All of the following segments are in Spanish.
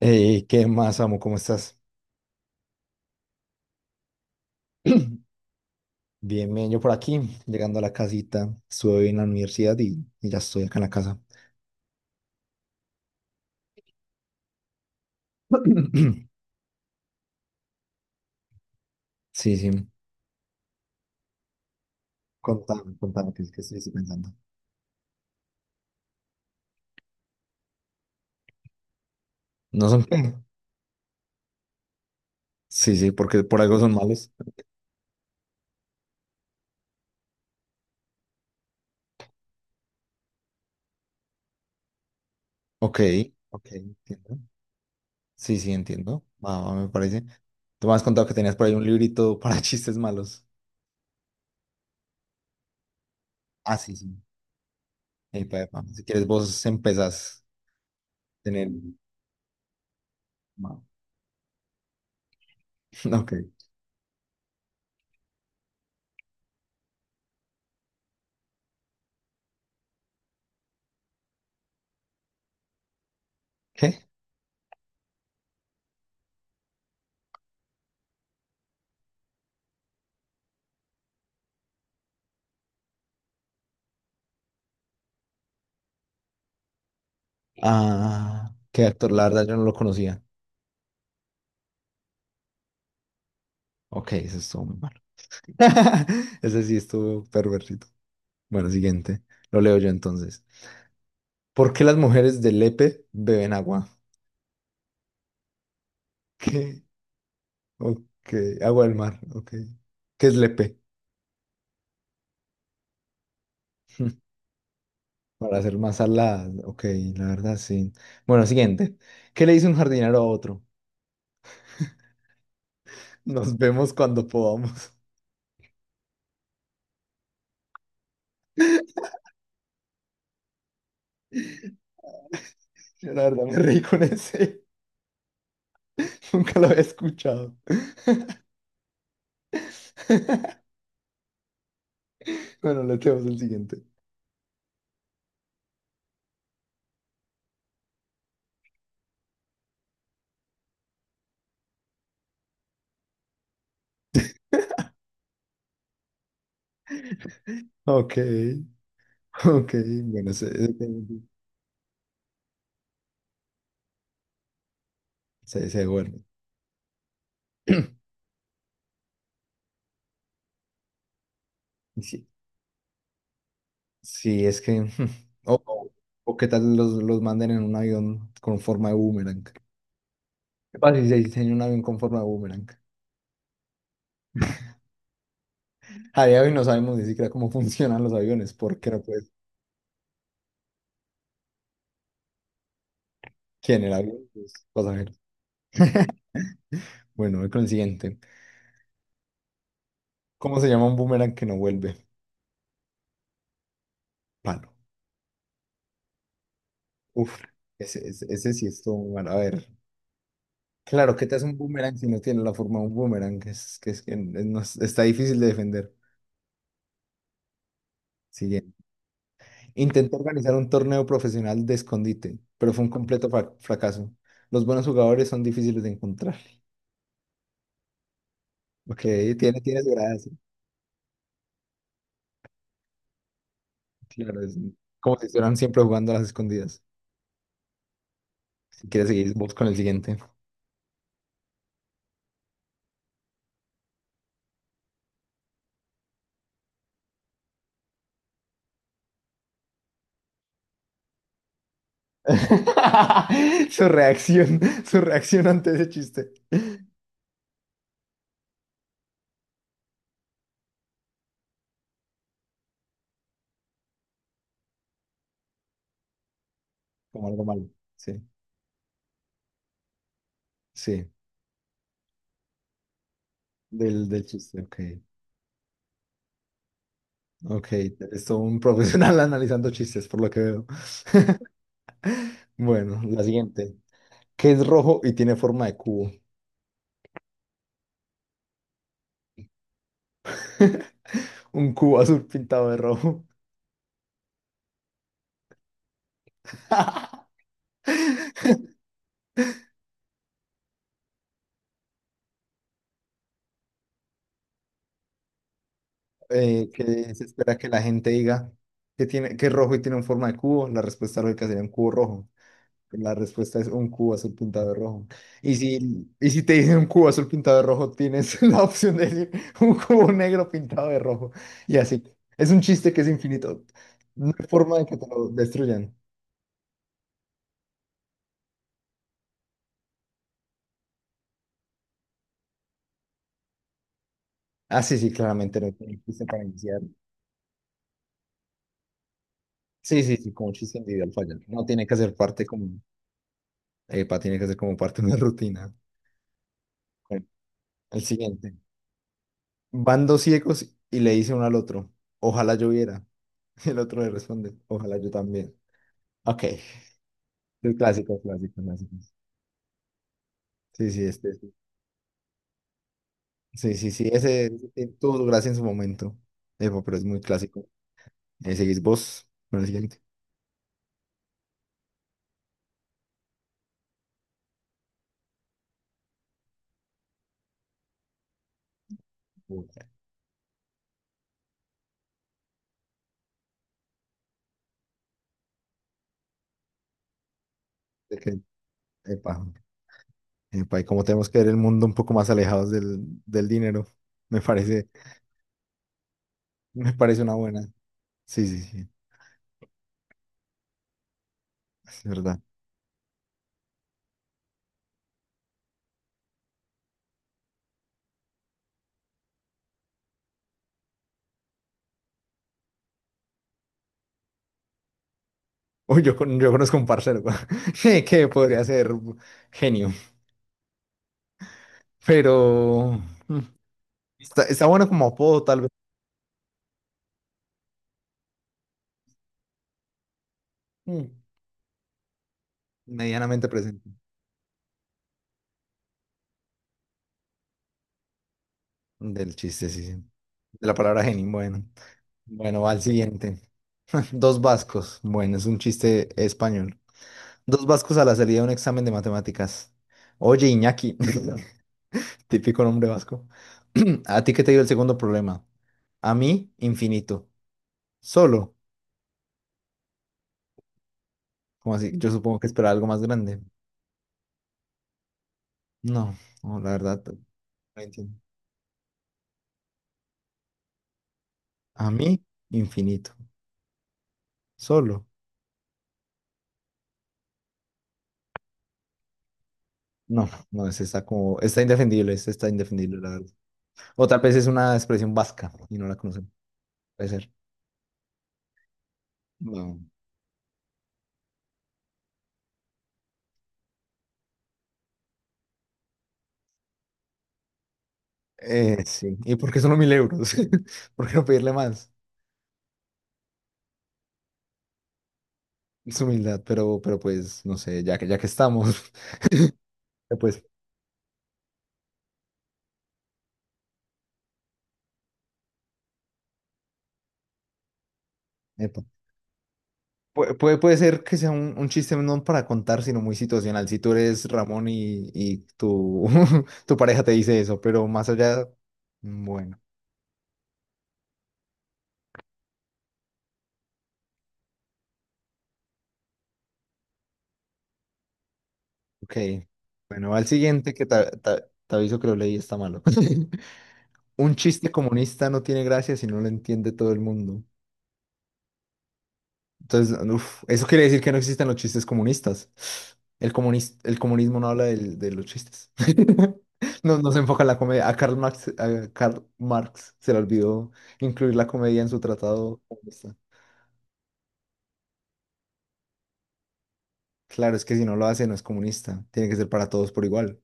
Ey, ¿qué más, amo? ¿Cómo estás? Bien, bien, yo por aquí, llegando a la casita, estuve hoy en la universidad y ya estoy acá en la casa. Sí, sí, contame, ¿qué estoy pensando? ¿No son qué? Sí, sí, porque por algo son malos. Ok, ok, entiendo. Sí, sí, entiendo. Va, va, me parece. Tú me has contado que tenías por ahí un librito para chistes malos. Ah, sí, sí. Epa, epa, si quieres, vos empezás a tener... Va, ok. ¿Qué? Ah, qué actor, la verdad yo no lo conocía. Ok, ese estuvo muy malo. Ese sí estuvo perversito. Bueno, siguiente. Lo leo yo entonces. ¿Por qué las mujeres de Lepe beben agua? ¿Qué? Ok, agua del mar. Ok. ¿Qué es Lepe? Para hacer más saladas. Ok, la verdad sí. Bueno, siguiente. ¿Qué le dice un jardinero a otro? Nos vemos cuando podamos. Yo la verdad me reí con ese. Nunca lo había escuchado. Bueno, le tenemos el siguiente. Ok. Ok, bueno, se duerme. Sí, sí, es que. O, o- o qué tal los manden en un avión con forma de boomerang. ¿Qué pasa si se diseña un avión con forma de boomerang? A día de hoy no sabemos ni siquiera cómo funcionan los aviones, porque no puedes generar los pasajeros. Bueno, voy con el siguiente. ¿Cómo se llama un boomerang que no vuelve? Palo. Uf, ese sí es todo muy mal. A ver. Claro, ¿qué te hace un boomerang si no tiene la forma de un boomerang? Es que no es- está difícil de defender. Intenté organizar un torneo profesional de escondite, pero fue un completo fracaso. Los buenos jugadores son difíciles de encontrar. Ok, tiene su gracia. Claro, es como si estuvieran siempre jugando a las escondidas. Si quieres seguir vos con el siguiente. Su reacción, su reacción ante ese chiste. Como algo malo. Sí, sí, del chiste. Ok, ok. Eres un profesional analizando chistes, por lo que veo. Bueno, la siguiente. ¿Qué es rojo y tiene forma de cubo? Un cubo azul pintado de rojo. ¿Qué se espera que la gente diga? Que tiene, que es rojo y tiene una forma de cubo? La respuesta lógica sería un cubo rojo. La respuesta es un cubo azul pintado de rojo. Y si te dicen un cubo azul pintado de rojo, tienes la opción de decir un cubo negro pintado de rojo. Y así. Es un chiste que es infinito. No hay forma de que te lo destruyan. Ah, sí, sí, claramente no tiene chiste para iniciar. Sí, sí, sí, como chiste individual falla. No tiene que hacer parte como epa, tiene que ser como parte de una rutina. Bueno, el siguiente. Van dos ciegos y le dice uno al otro, ojalá yo viera. El otro le responde, ojalá yo también. Ok, el clásico, clásico, clásico. Sí, sí, este, sí, sí, sí, sí, ese, ese tuvo su gracia en su momento. Epa, pero es muy clásico. Seguís vos con el siguiente. Uy, de que- epa, epa, y como tenemos que ver el mundo un poco más alejados del dinero, me parece, me parece una buena. Sí, sí, sí, es verdad. Uy, yo conozco un parcero que podría ser genio, pero mm, está bueno como apodo, tal vez. Mm, medianamente presente. Del chiste, sí, sí. De la palabra genio, bueno. Bueno, va al siguiente. Dos vascos. Bueno, es un chiste español. Dos vascos a la salida de un examen de matemáticas. Oye, Iñaki. Típico nombre vasco. ¿A ti qué te dio el segundo problema? A mí, infinito. Solo. Como así, yo supongo que esperaba algo más grande. No, no, la verdad, no entiendo. A mí, infinito. Solo. No, no, es está como, está indefendible, es está indefendible, la verdad. O tal vez es una expresión vasca y no la conocemos. Puede ser. No. Sí. ¿Y por qué solo 1000 euros? ¿Por qué no pedirle más? Es humildad, pero pues, no sé, ya que estamos, pues, epa. Puede, puede ser que sea un chiste no para contar, sino muy situacional. Si tú eres Ramón y tu, tu pareja te dice eso, pero más allá, mm, bueno. Ok, bueno, va al siguiente que te aviso que lo leí, está malo. Un chiste comunista no tiene gracia si no lo entiende todo el mundo. Entonces, uf, eso quiere decir que no existen los chistes comunistas. El el comunismo no habla de, los chistes. No, no se enfoca en la comedia. A Karl Marx se le olvidó incluir la comedia en su tratado comunista. Claro, es que si no lo hace no es comunista. Tiene que ser para todos por igual.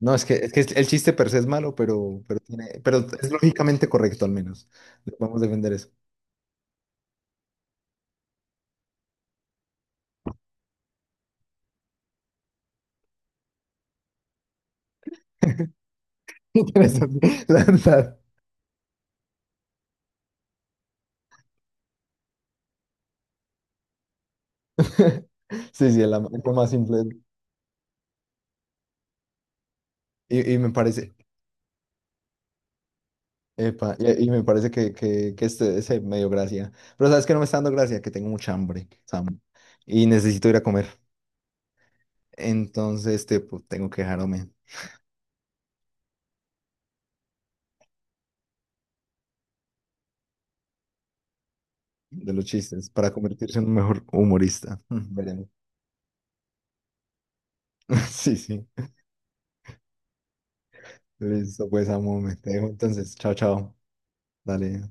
No, es que el chiste per se es malo, pero, tiene, pero es lógicamente correcto al menos. Vamos a defender eso. Interesante, la verdad. Sí, sí, el amor más simple. Y me parece, epa, y me parece que este ese me dio gracia. Pero sabes que no me está dando gracia, que tengo mucha hambre, Sam, y necesito ir a comer. Entonces, este, pues, tengo que dejarme de los chistes para convertirse en un mejor humorista. Veremos. Sí, sí. Listo, pues, amo, me te dejo. Entonces, chao, chao. Dale.